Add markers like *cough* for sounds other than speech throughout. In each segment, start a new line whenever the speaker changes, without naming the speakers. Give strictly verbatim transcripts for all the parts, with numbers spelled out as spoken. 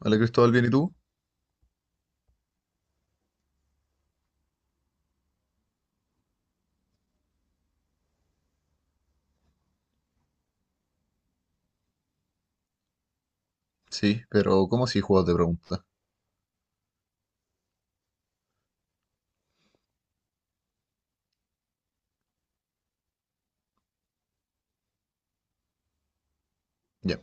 Hola Cristóbal, ¿bien y tú? Sí, pero ¿cómo si juegos de pregunta? Ya,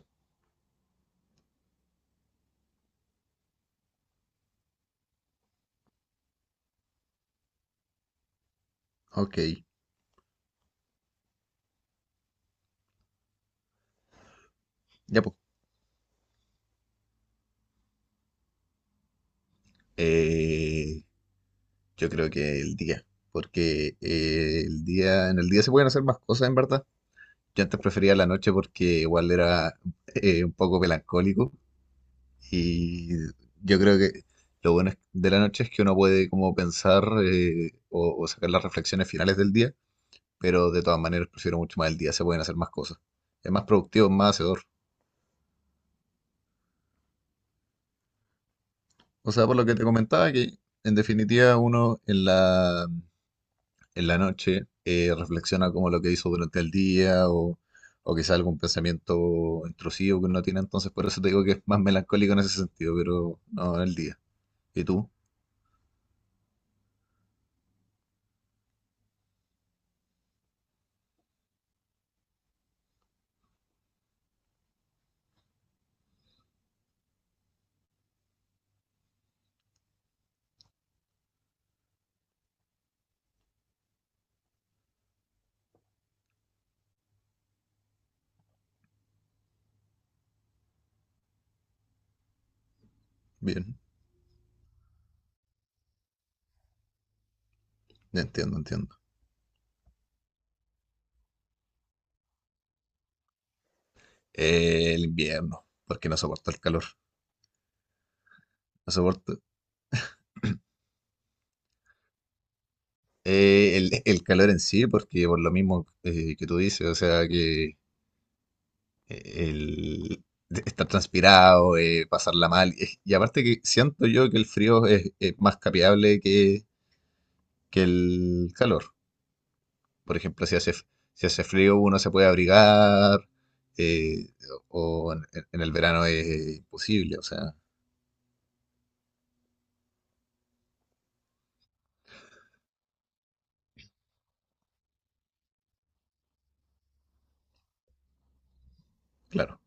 ok. Ya, pues. Eh, yo creo que el día. Porque eh, el día, en el día se pueden hacer más cosas, en verdad. Yo antes prefería la noche porque igual era eh, un poco melancólico. Y yo creo que lo bueno es- de la noche es que uno puede como pensar eh, o, o sacar las reflexiones finales del día. Pero de todas maneras prefiero mucho más el día, se pueden hacer más cosas. Es más productivo, es más hacedor. O sea, por lo que te comentaba, que en definitiva uno en la, en la noche eh, reflexiona como lo que hizo durante el día o, o quizá algún pensamiento intrusivo que uno tiene, entonces por eso te digo que es más melancólico en ese sentido, pero no en el día. ¿Y tú? Bien, ya entiendo, entiendo. Eh, el invierno, porque no soporto el calor. No soporto eh, el, el calor en sí, porque por lo mismo eh, que tú dices, o sea, que el de estar transpirado, eh, pasarla mal. Eh, Y aparte que siento yo que el frío es, es más capeable que, que el calor. Por ejemplo, si hace, si hace frío uno se puede abrigar, eh, o en, en el verano es imposible, o sea, claro.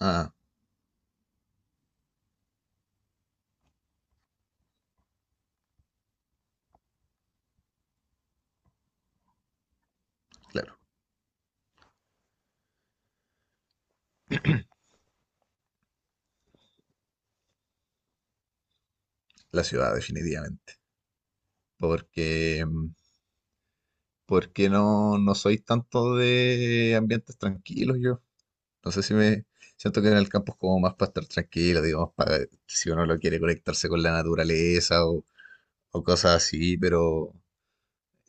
Ah, claro, la ciudad definitivamente. Porque, mm, porque no, no soy tanto de ambientes tranquilos yo. No sé si me siento que en el campo es como más para estar tranquilo, digamos, para si uno lo quiere conectarse con la naturaleza o, o cosas así, pero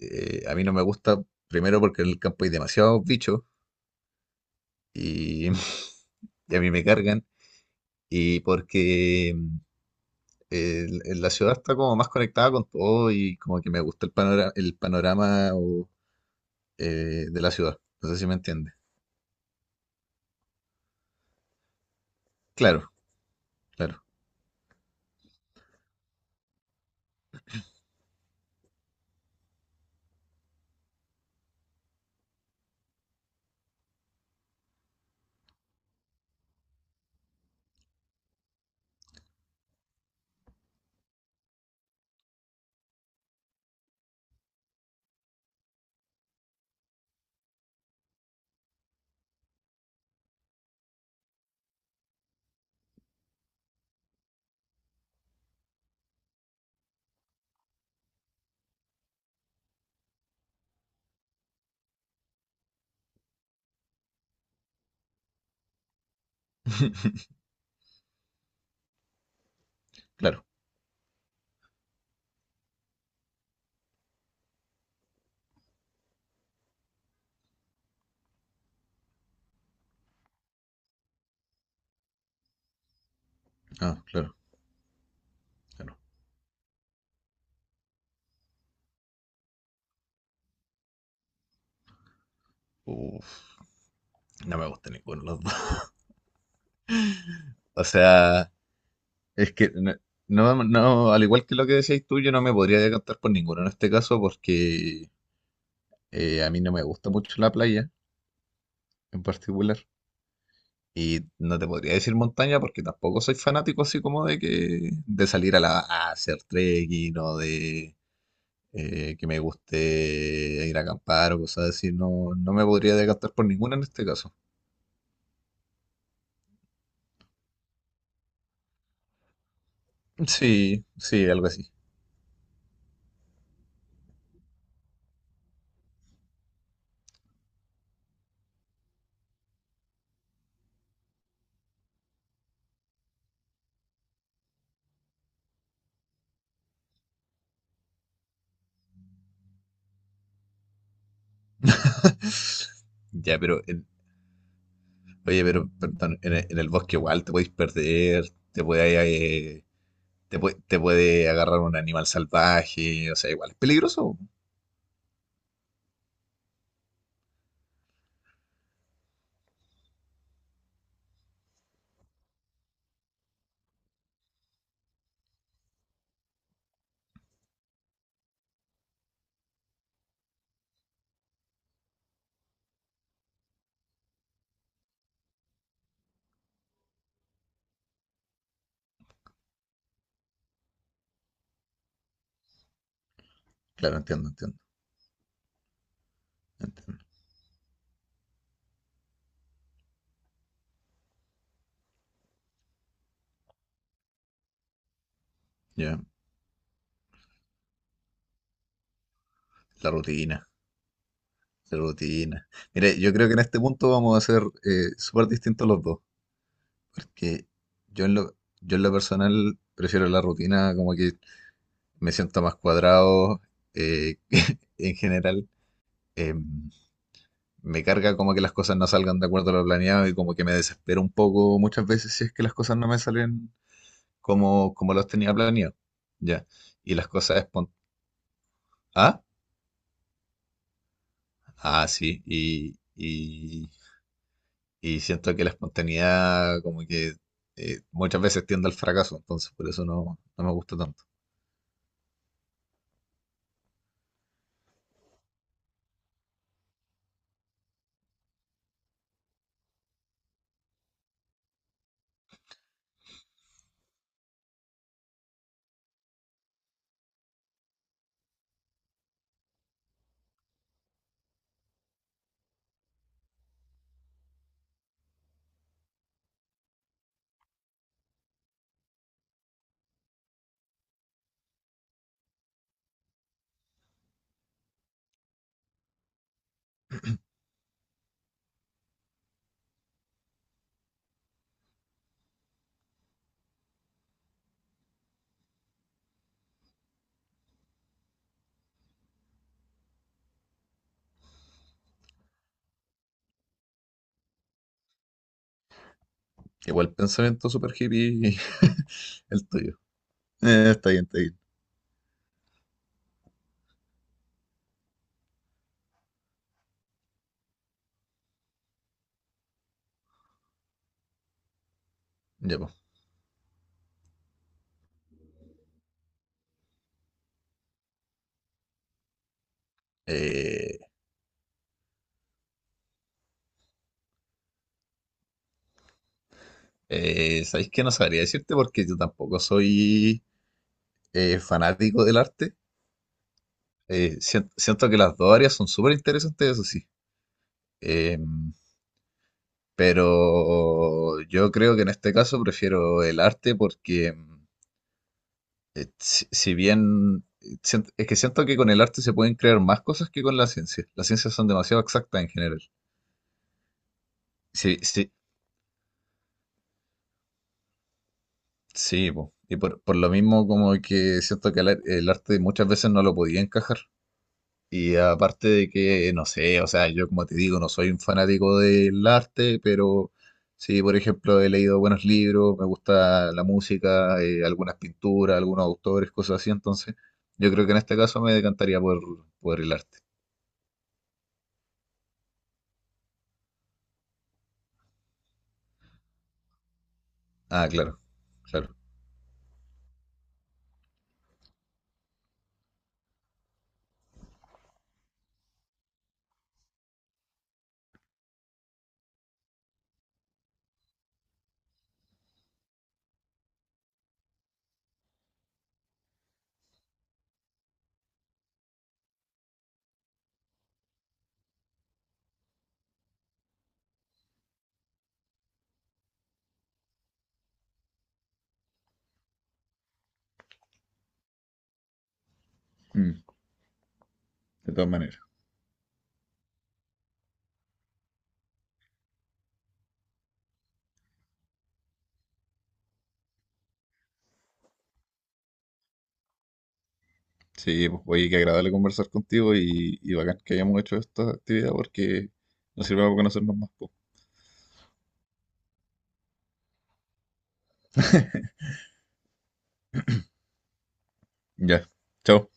eh, a mí no me gusta, primero porque en el campo hay demasiados bichos y, *laughs* y a mí me cargan, y porque eh, en la ciudad está como más conectada con todo y como que me gusta el panorama, el panorama o, eh, de la ciudad. No sé si me entiende. Claro, claro, *laughs* claro, ah, claro, claro. Uf. No me gusta ninguno de los dos. *laughs* O sea, es que no, no, no, al igual que lo que decías tú, yo no me podría decantar por ninguno en este caso porque eh, a mí no me gusta mucho la playa en particular. Y no te podría decir montaña porque tampoco soy fanático así como de que de salir a, la, a hacer trekking o de eh, que me guste ir a acampar o cosas así. No, no me podría decantar por ninguna en este caso. Sí, sí, algo así. *laughs* Ya, pero eh, oye, pero perdón, en el, en el bosque igual te podéis perder, te puede, eh, te puede, te puede agarrar un animal salvaje, o sea, igual es peligroso. Claro, entiendo, entiendo, entiendo. Ya, la rutina, la rutina. Mire, yo creo que en este punto vamos a ser eh, súper distintos los dos, porque yo en lo, yo en lo personal prefiero la rutina, como que me siento más cuadrado eh, *laughs* en general. em, Me carga como que las cosas no salgan de acuerdo a lo planeado y como que me desespero un poco muchas veces si es que las cosas no me salen como, como los tenía planeado. Ya. Y las cosas espon- Ah, ah, sí. Y, y, y siento que la espontaneidad como que eh, muchas veces tiende al fracaso, entonces por eso no, no me gusta tanto. Igual pensamiento super hippie *laughs* el tuyo. Eh, está bien, está bien. Ya, pues. Eh, eh, ¿Sabéis qué? No sabría decirte porque yo tampoco soy eh, fanático del arte. Eh, sien- siento que las dos áreas son súper interesantes, eso sí. Eh, pero yo creo que en este caso prefiero el arte porque eh, si, si bien eh, sien- es que siento que con el arte se pueden crear más cosas que con la ciencia. Las ciencias son demasiado exactas en general. Sí, sí, sí, po. Y por, por lo mismo como que siento que el, ar- el arte muchas veces no lo podía encajar. Y aparte de que, no sé, o sea, yo como te digo, no soy un fanático del arte, pero sí, por ejemplo, he leído buenos libros, me gusta la música, eh, algunas pinturas, algunos autores, cosas así, entonces yo creo que en este caso me decantaría por, por el arte. Ah, claro, claro. Mm, de todas maneras. Sí, pues oye, qué agradable conversar contigo y, y bacán que hayamos hecho esta actividad porque nos sirve para conocernos más. Po. Ya, chao.